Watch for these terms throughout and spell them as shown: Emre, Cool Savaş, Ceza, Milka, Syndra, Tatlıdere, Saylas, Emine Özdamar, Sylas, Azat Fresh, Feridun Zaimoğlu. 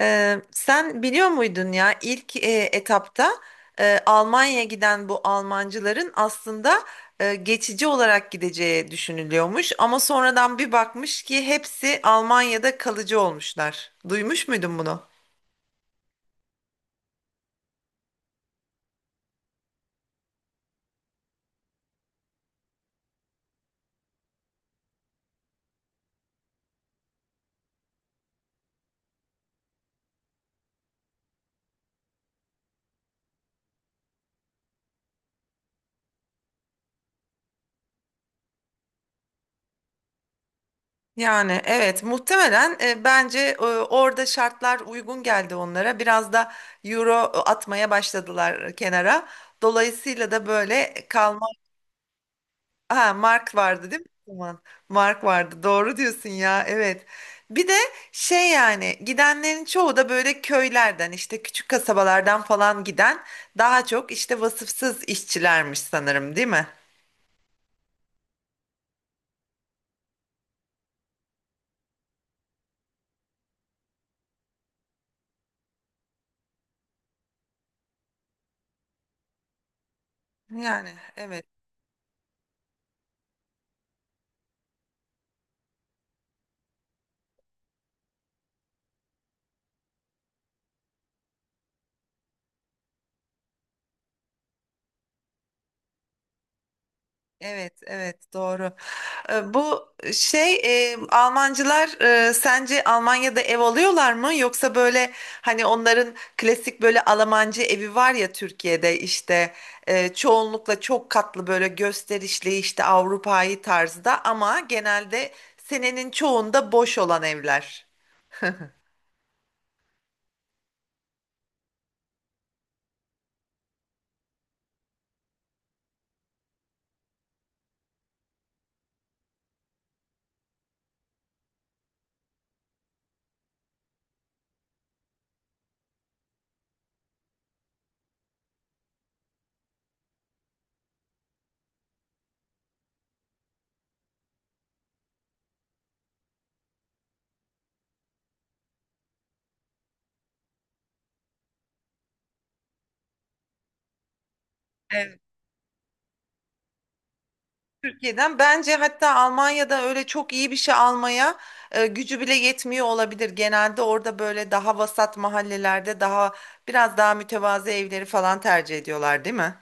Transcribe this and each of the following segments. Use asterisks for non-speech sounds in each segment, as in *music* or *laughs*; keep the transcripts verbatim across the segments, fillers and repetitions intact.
Ee, sen biliyor muydun ya ilk e, etapta e, Almanya'ya giden bu Almancıların aslında e, geçici olarak gideceği düşünülüyormuş ama sonradan bir bakmış ki hepsi Almanya'da kalıcı olmuşlar. Duymuş muydun bunu? Yani evet, muhtemelen e, bence e, orada şartlar uygun geldi onlara. Biraz da euro atmaya başladılar kenara. Dolayısıyla da böyle kalma. Ha, Mark vardı değil mi o zaman? Mark vardı. Doğru diyorsun ya. Evet. Bir de şey, yani gidenlerin çoğu da böyle köylerden, işte küçük kasabalardan falan giden daha çok işte vasıfsız işçilermiş sanırım, değil mi? Yani evet. Evet, evet doğru. Ee, Bu şey, e, Almancılar e, sence Almanya'da ev alıyorlar mı? Yoksa böyle hani onların klasik böyle Almancı evi var ya Türkiye'de, işte e, çoğunlukla çok katlı böyle gösterişli işte Avrupa'yı tarzda ama genelde senenin çoğunda boş olan evler. Türkiye'den bence, hatta Almanya'da öyle çok iyi bir şey almaya e, gücü bile yetmiyor olabilir. Genelde orada böyle daha vasat mahallelerde daha biraz daha mütevazı evleri falan tercih ediyorlar, değil mi?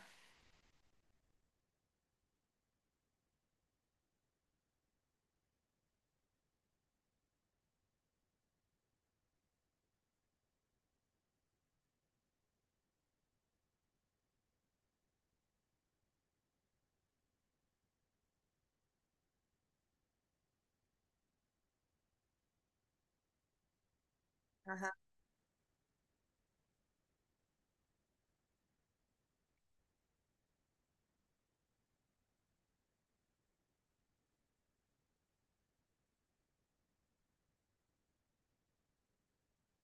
Aha.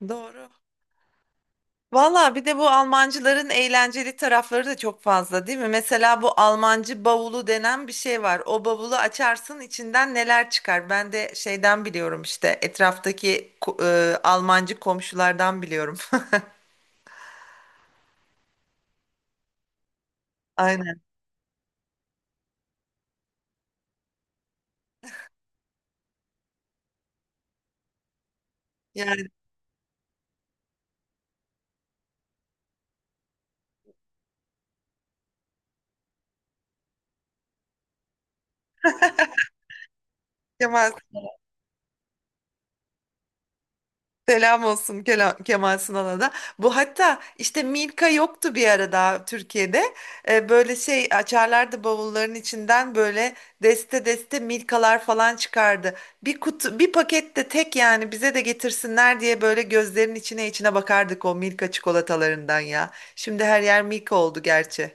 Doğru. Valla, bir de bu Almancıların eğlenceli tarafları da çok fazla değil mi? Mesela bu Almancı bavulu denen bir şey var. O bavulu açarsın, içinden neler çıkar? Ben de şeyden biliyorum, işte etraftaki ko- e, Almancı komşulardan biliyorum. *laughs* Aynen. Yani Kemal Selam olsun Kela- Kemal Sunal'a da. Bu hatta, işte Milka yoktu bir ara daha Türkiye'de. Ee, böyle şey açarlardı, bavulların içinden böyle deste deste Milkalar falan çıkardı. Bir kutu bir pakette tek, yani bize de getirsinler diye böyle gözlerin içine içine bakardık o Milka çikolatalarından ya. Şimdi her yer Milka oldu gerçi.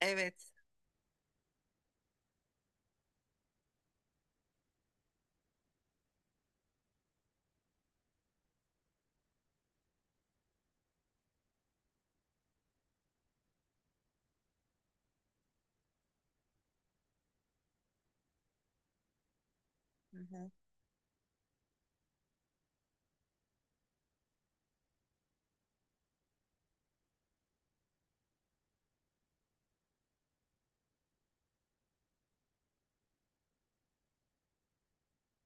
Evet. Hı hı.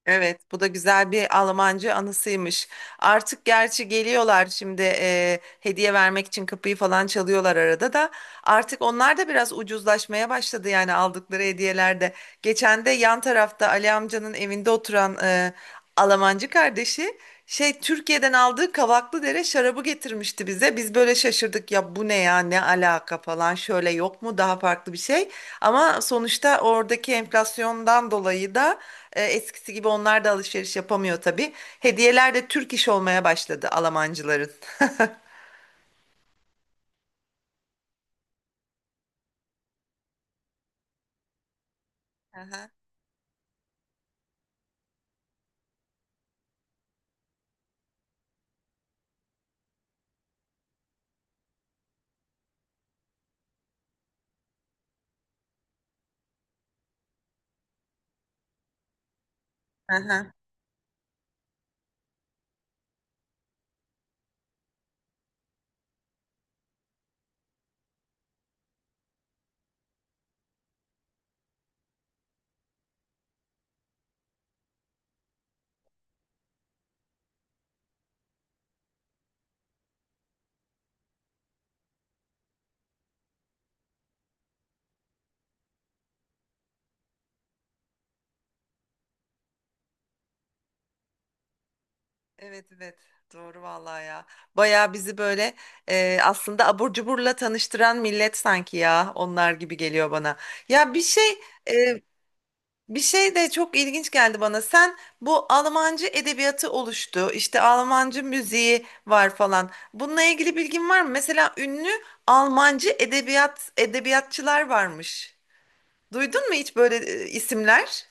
Evet, bu da güzel bir Almancı anısıymış. Artık gerçi geliyorlar şimdi e, hediye vermek için kapıyı falan çalıyorlar arada da. Artık onlar da biraz ucuzlaşmaya başladı yani, aldıkları hediyelerde. Geçen de yan tarafta Ali amcanın evinde oturan e, Almancı kardeşi şey, Türkiye'den aldığı Tatlıdere şarabı getirmişti bize. Biz böyle şaşırdık ya, bu ne ya, ne alaka falan, şöyle yok mu daha farklı bir şey. Ama sonuçta oradaki enflasyondan dolayı da e, eskisi gibi onlar da alışveriş yapamıyor tabii. Hediyeler de Türk iş olmaya başladı Almancıların. *laughs* Aha, aha. Evet, evet doğru vallahi ya. Bayağı bizi böyle e, aslında abur cuburla tanıştıran millet sanki ya, onlar gibi geliyor bana. Ya bir şey e, Bir şey de çok ilginç geldi bana. Sen bu Almancı edebiyatı oluştu, işte Almancı müziği var falan. Bununla ilgili bilgin var mı? Mesela ünlü Almancı edebiyat edebiyatçılar varmış. Duydun mu hiç böyle e, isimler?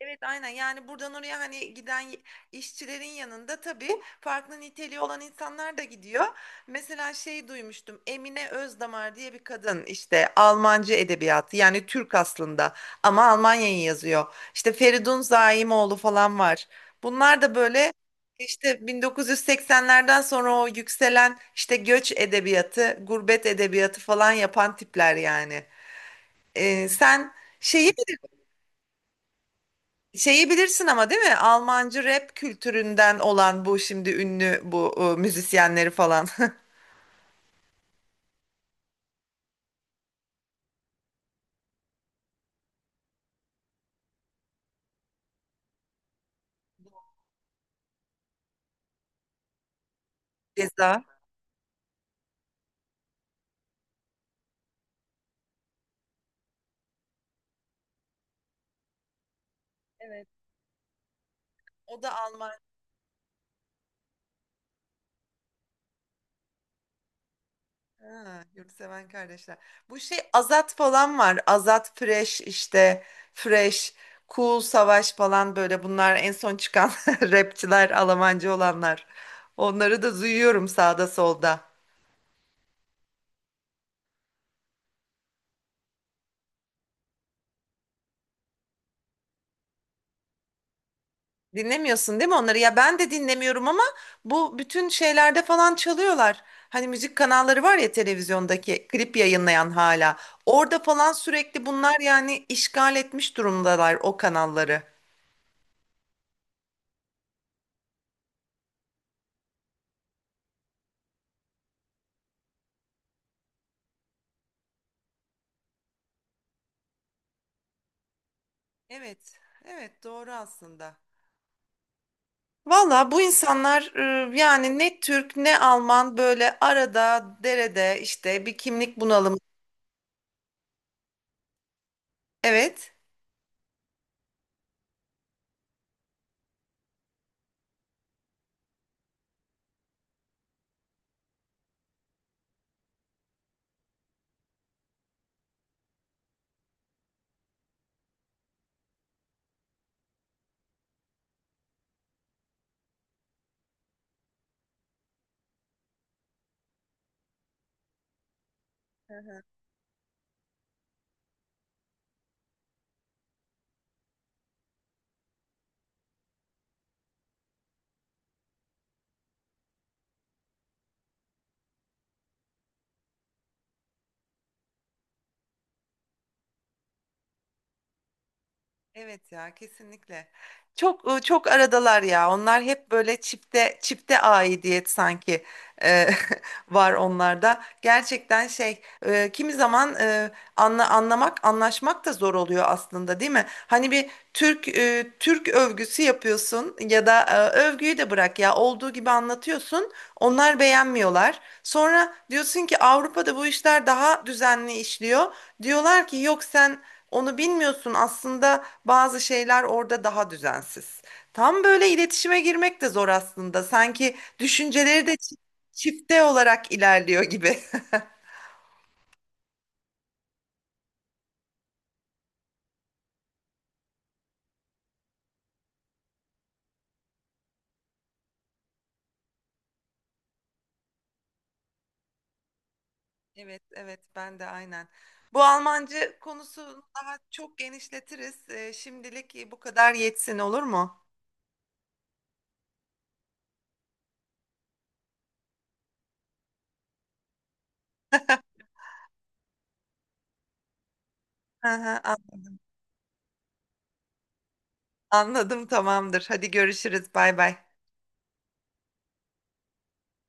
Evet, aynen yani buradan oraya hani giden y- işçilerin yanında tabii farklı niteliği olan insanlar da gidiyor. Mesela şey, duymuştum Emine Özdamar diye bir kadın, işte Almancı edebiyatı, yani Türk aslında ama Almanya'yı yazıyor. İşte Feridun Zaimoğlu falan var. Bunlar da böyle işte bin dokuz yüz seksenlerden sonra o yükselen işte göç edebiyatı, gurbet edebiyatı falan yapan tipler yani. Ee, sen şeyi Şeyi bilirsin ama değil mi? Almancı rap kültüründen olan bu şimdi ünlü bu e, müzisyenleri falan. *laughs* Ceza. Evet. O da Alman. Ha, Yurtseven Kardeşler. Bu şey Azat falan var. Azat Fresh işte. Fresh. Cool Savaş falan, böyle bunlar en son çıkan *laughs* rapçiler, Almancı olanlar. Onları da duyuyorum sağda solda. Dinlemiyorsun değil mi onları? Ya ben de dinlemiyorum ama bu bütün şeylerde falan çalıyorlar. Hani müzik kanalları var ya, televizyondaki klip yayınlayan hala. Orada falan sürekli bunlar yani işgal etmiş durumdalar o kanalları. Evet, evet doğru aslında. Valla bu insanlar e, yani ne Türk ne Alman, böyle arada derede işte bir kimlik bunalımı. Evet. Evet ya, kesinlikle. Çok e, çok aradalar ya. Onlar hep böyle çipte çipte aidiyet sanki e, *laughs* var onlarda. Gerçekten şey, e, kimi zaman e, anla, anlamak, anlaşmak da zor oluyor aslında değil mi? Hani bir Türk e, Türk övgüsü yapıyorsun ya da e, övgüyü de bırak ya, olduğu gibi anlatıyorsun. Onlar beğenmiyorlar. Sonra diyorsun ki Avrupa'da bu işler daha düzenli işliyor. Diyorlar ki yok sen onu bilmiyorsun, aslında bazı şeyler orada daha düzensiz. Tam böyle iletişime girmek de zor aslında. Sanki düşünceleri de çi- çifte olarak ilerliyor gibi. *laughs* Evet, evet ben de aynen. Bu Almancı konusunu daha çok genişletiriz. Ee, şimdilik e, bu kadar yetsin, olur mu? Hı hı, an- Anladım, tamamdır. Hadi görüşürüz. Bay bay.